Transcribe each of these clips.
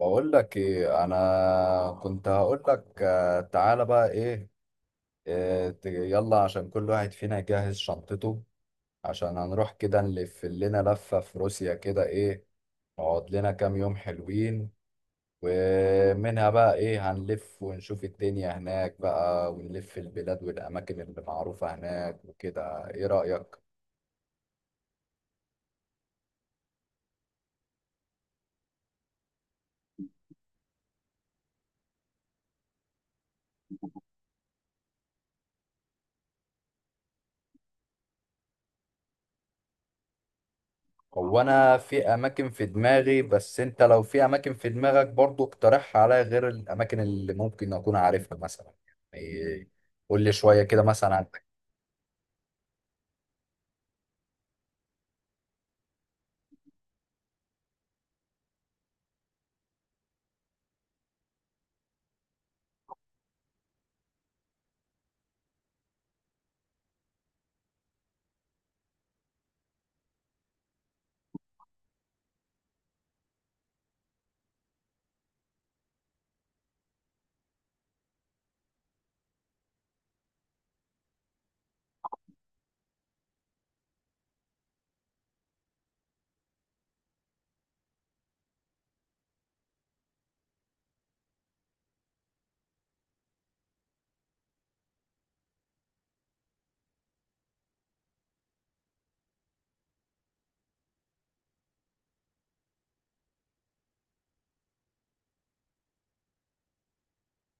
بقول لك ايه. انا كنت هقول لك، تعالى بقى ايه. يلا عشان كل واحد فينا يجهز شنطته، عشان هنروح كده نلف لنا لفة في روسيا كده ايه. نقعد لنا كام يوم حلوين، ومنها بقى ايه هنلف ونشوف الدنيا هناك بقى، ونلف البلاد والاماكن اللي معروفة هناك وكده. ايه رأيك؟ هو انا في اماكن في دماغي، بس انت لو في اماكن في دماغك برضو اقترحها عليا، غير الاماكن اللي ممكن اكون عارفها مثلا. يعني قول لي شوية كده مثلا.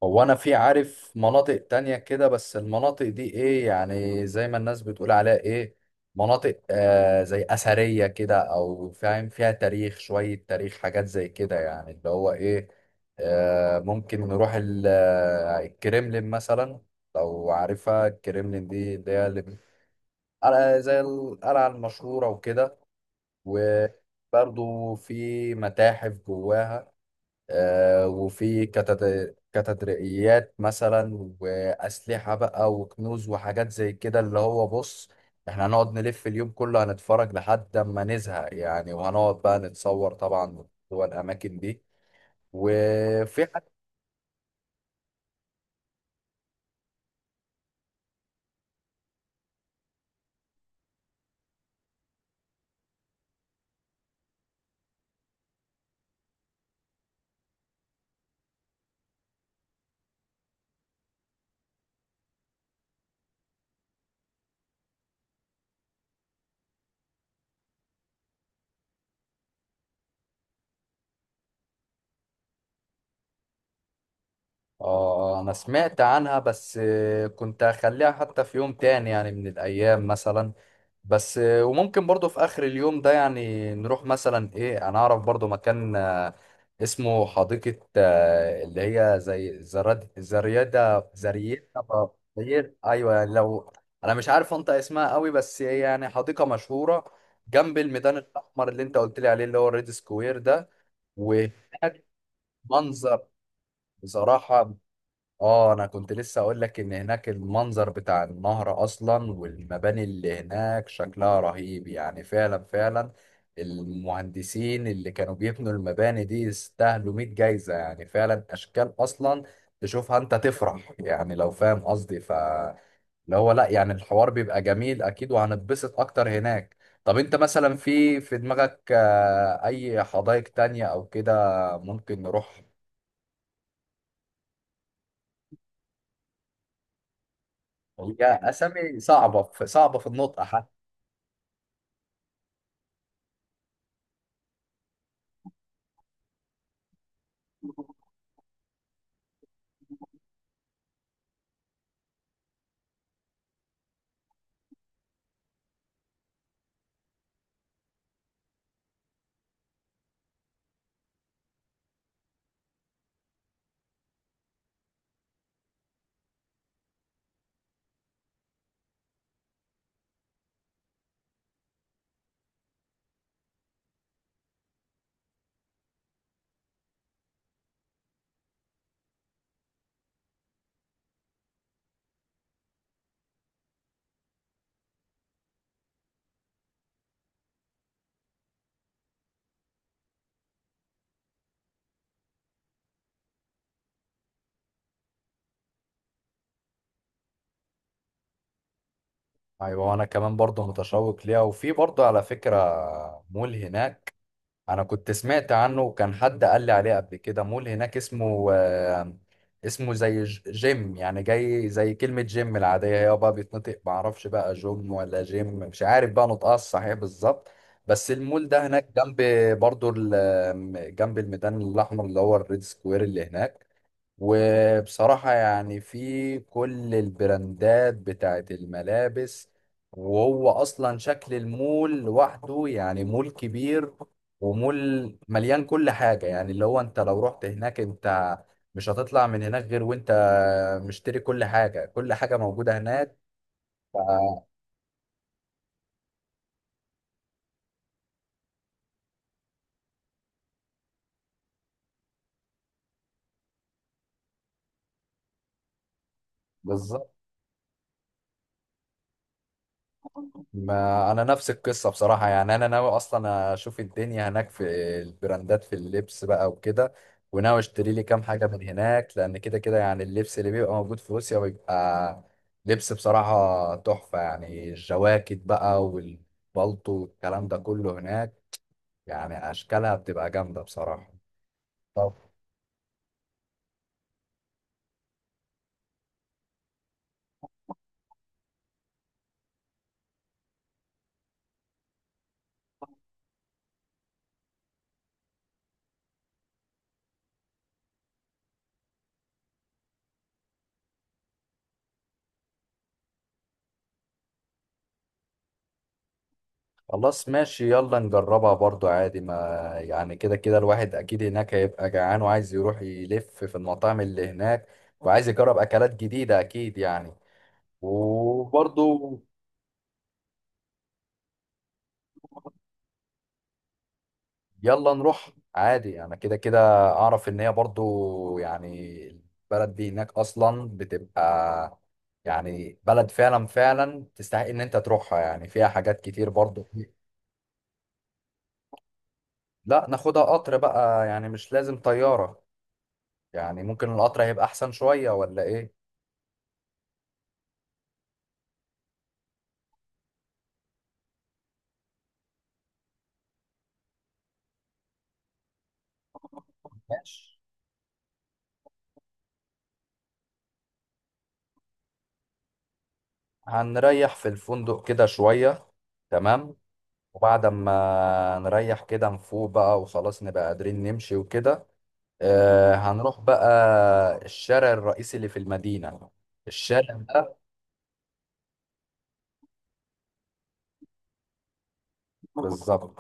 هو انا في عارف مناطق تانية كده، بس المناطق دي ايه يعني زي ما الناس بتقول عليها ايه، مناطق زي اثرية كده، او فاهم فيها تاريخ، شوية تاريخ حاجات زي كده يعني اللي هو ايه. ممكن نروح الكريملين مثلا. لو عارفها الكريملين دي اللي هي اللي زي القلعة المشهورة وكده. وبرضو في متاحف جواها. وفي كاتدرائيات مثلا وأسلحة بقى وكنوز وحاجات زي كده. اللي هو بص، احنا هنقعد نلف اليوم كله، هنتفرج لحد ما نزهق يعني، وهنقعد بقى نتصور طبعا جوه الأماكن دي. وفي حاجة، اه أنا سمعت عنها، بس كنت هخليها حتى في يوم تاني يعني من الأيام مثلا. بس وممكن برضو في اخر اليوم ده يعني نروح مثلا ايه. انا اعرف برضو مكان اسمه حديقة، اللي هي زي زراد زريادة زريادة زرير ايوه يعني لو. انا مش عارف انطق اسمها قوي، بس هي يعني حديقة مشهورة جنب الميدان الاحمر، اللي انت قلت لي عليه، اللي هو الريد سكوير ده. وهناك منظر بصراحة. اه انا كنت لسه اقول لك ان هناك المنظر بتاع النهر اصلا والمباني اللي هناك شكلها رهيب، يعني فعلا فعلا. المهندسين اللي كانوا بيبنوا المباني دي يستاهلوا 100 جايزة، يعني فعلا اشكال اصلا تشوفها انت تفرح يعني، لو فاهم قصدي. ف اللي هو لا يعني الحوار بيبقى جميل اكيد، وهنتبسط اكتر هناك. طب انت مثلا في دماغك، اي حدائق تانية او كده ممكن نروح؟ هي اسامي صعبة، في النطق. ايوه، وانا كمان برضه متشوق ليها. وفي برضه على فكره مول هناك. انا كنت سمعت عنه وكان حد قال لي عليه قبل كده. مول هناك اسمه اسمه زي جيم، يعني جاي زي كلمه جيم العاديه، هي بقى بيتنطق ما اعرفش بقى جيم ولا جيم، مش عارف بقى نطقها الصحيح بالظبط. بس المول ده هناك جنب، برضه جنب الميدان الاحمر اللي هو الريد سكوير اللي هناك. وبصراحة يعني في كل البراندات بتاعت الملابس. وهو أصلا شكل المول لوحده يعني مول كبير. ومول مليان كل حاجة، يعني اللي هو أنت لو رحت هناك أنت مش هتطلع من هناك غير وأنت مشتري كل حاجة. كل حاجة موجودة هناك. ف- بالظبط، ما انا نفس القصه بصراحه. يعني انا ناوي اصلا اشوف الدنيا هناك، في البراندات، في اللبس بقى وكده. وناوي اشتري لي كام حاجه من هناك، لان كده كده يعني اللبس اللي بيبقى موجود في روسيا بيبقى لبس بصراحه تحفه. يعني الجواكت بقى والبلطو والكلام ده كله هناك يعني اشكالها بتبقى جامده بصراحه. خلاص ماشي، يلا نجربها برضو عادي ما. يعني كده كده الواحد اكيد هناك هيبقى جعان، وعايز يروح يلف في المطاعم اللي هناك، وعايز يجرب اكلات جديدة اكيد يعني. وبرضو يلا نروح عادي، انا كده كده اعرف ان هي برضو يعني، البلد دي هناك اصلا بتبقى يعني بلد فعلا فعلا تستحق ان انت تروحها، يعني فيها حاجات كتير برضو. لا، ناخدها قطر بقى، يعني مش لازم طيارة. يعني ممكن القطر هيبقى احسن شوية، ولا ايه؟ ماشي. هنريح في الفندق كده شوية. تمام. وبعد ما نريح كده نفوق بقى، وخلاص نبقى قادرين نمشي وكده. آه، هنروح بقى الشارع الرئيسي اللي في المدينة. الشارع ده. بالظبط.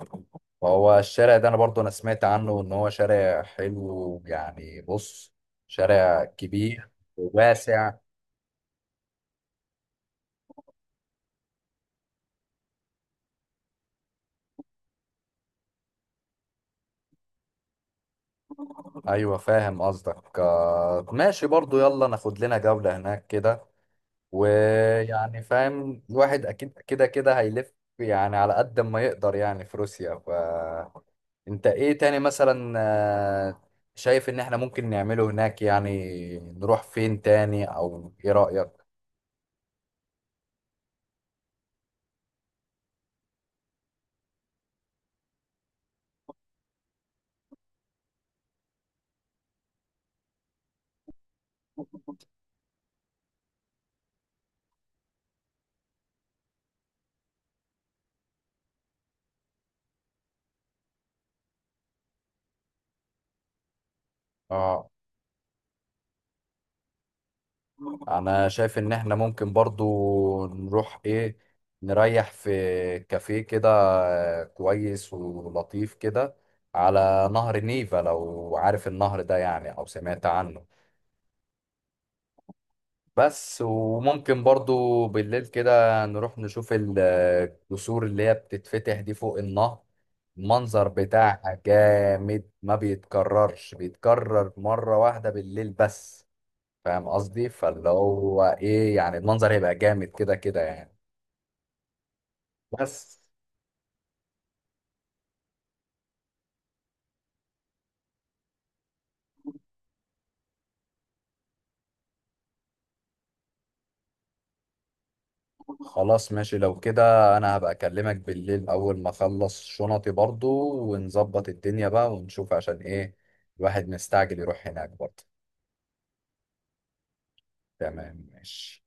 فهو الشارع ده انا برضو انا سمعت عنه ان هو شارع حلو. يعني بص، شارع كبير وواسع. ايوه، فاهم قصدك. ماشي برضو، يلا ناخد لنا جولة هناك كده. ويعني فاهم الواحد اكيد كده كده هيلف، يعني على قد ما يقدر، يعني في روسيا. فانت ايه تاني مثلا، آه، شايف ان احنا ممكن نعمله هناك؟ يعني نروح فين تاني، او ايه رأيك؟ اه انا شايف ان احنا ممكن برضو نروح ايه، نريح في كافيه كده كويس ولطيف كده على نهر نيفا، لو عارف النهر ده يعني او سمعت عنه. بس وممكن برضو بالليل كده نروح نشوف الجسور اللي هي بتتفتح دي فوق النهر. المنظر بتاعها جامد، ما بيتكررش، بيتكرر مرة واحدة بالليل بس. فاهم قصدي. فاللي هو ايه يعني، المنظر هيبقى جامد كده كده يعني. بس خلاص ماشي، لو كده انا هبقى اكلمك بالليل اول ما اخلص شنطي برضو، ونظبط الدنيا بقى ونشوف، عشان ايه الواحد مستعجل يروح هناك برضو. تمام، ماشي.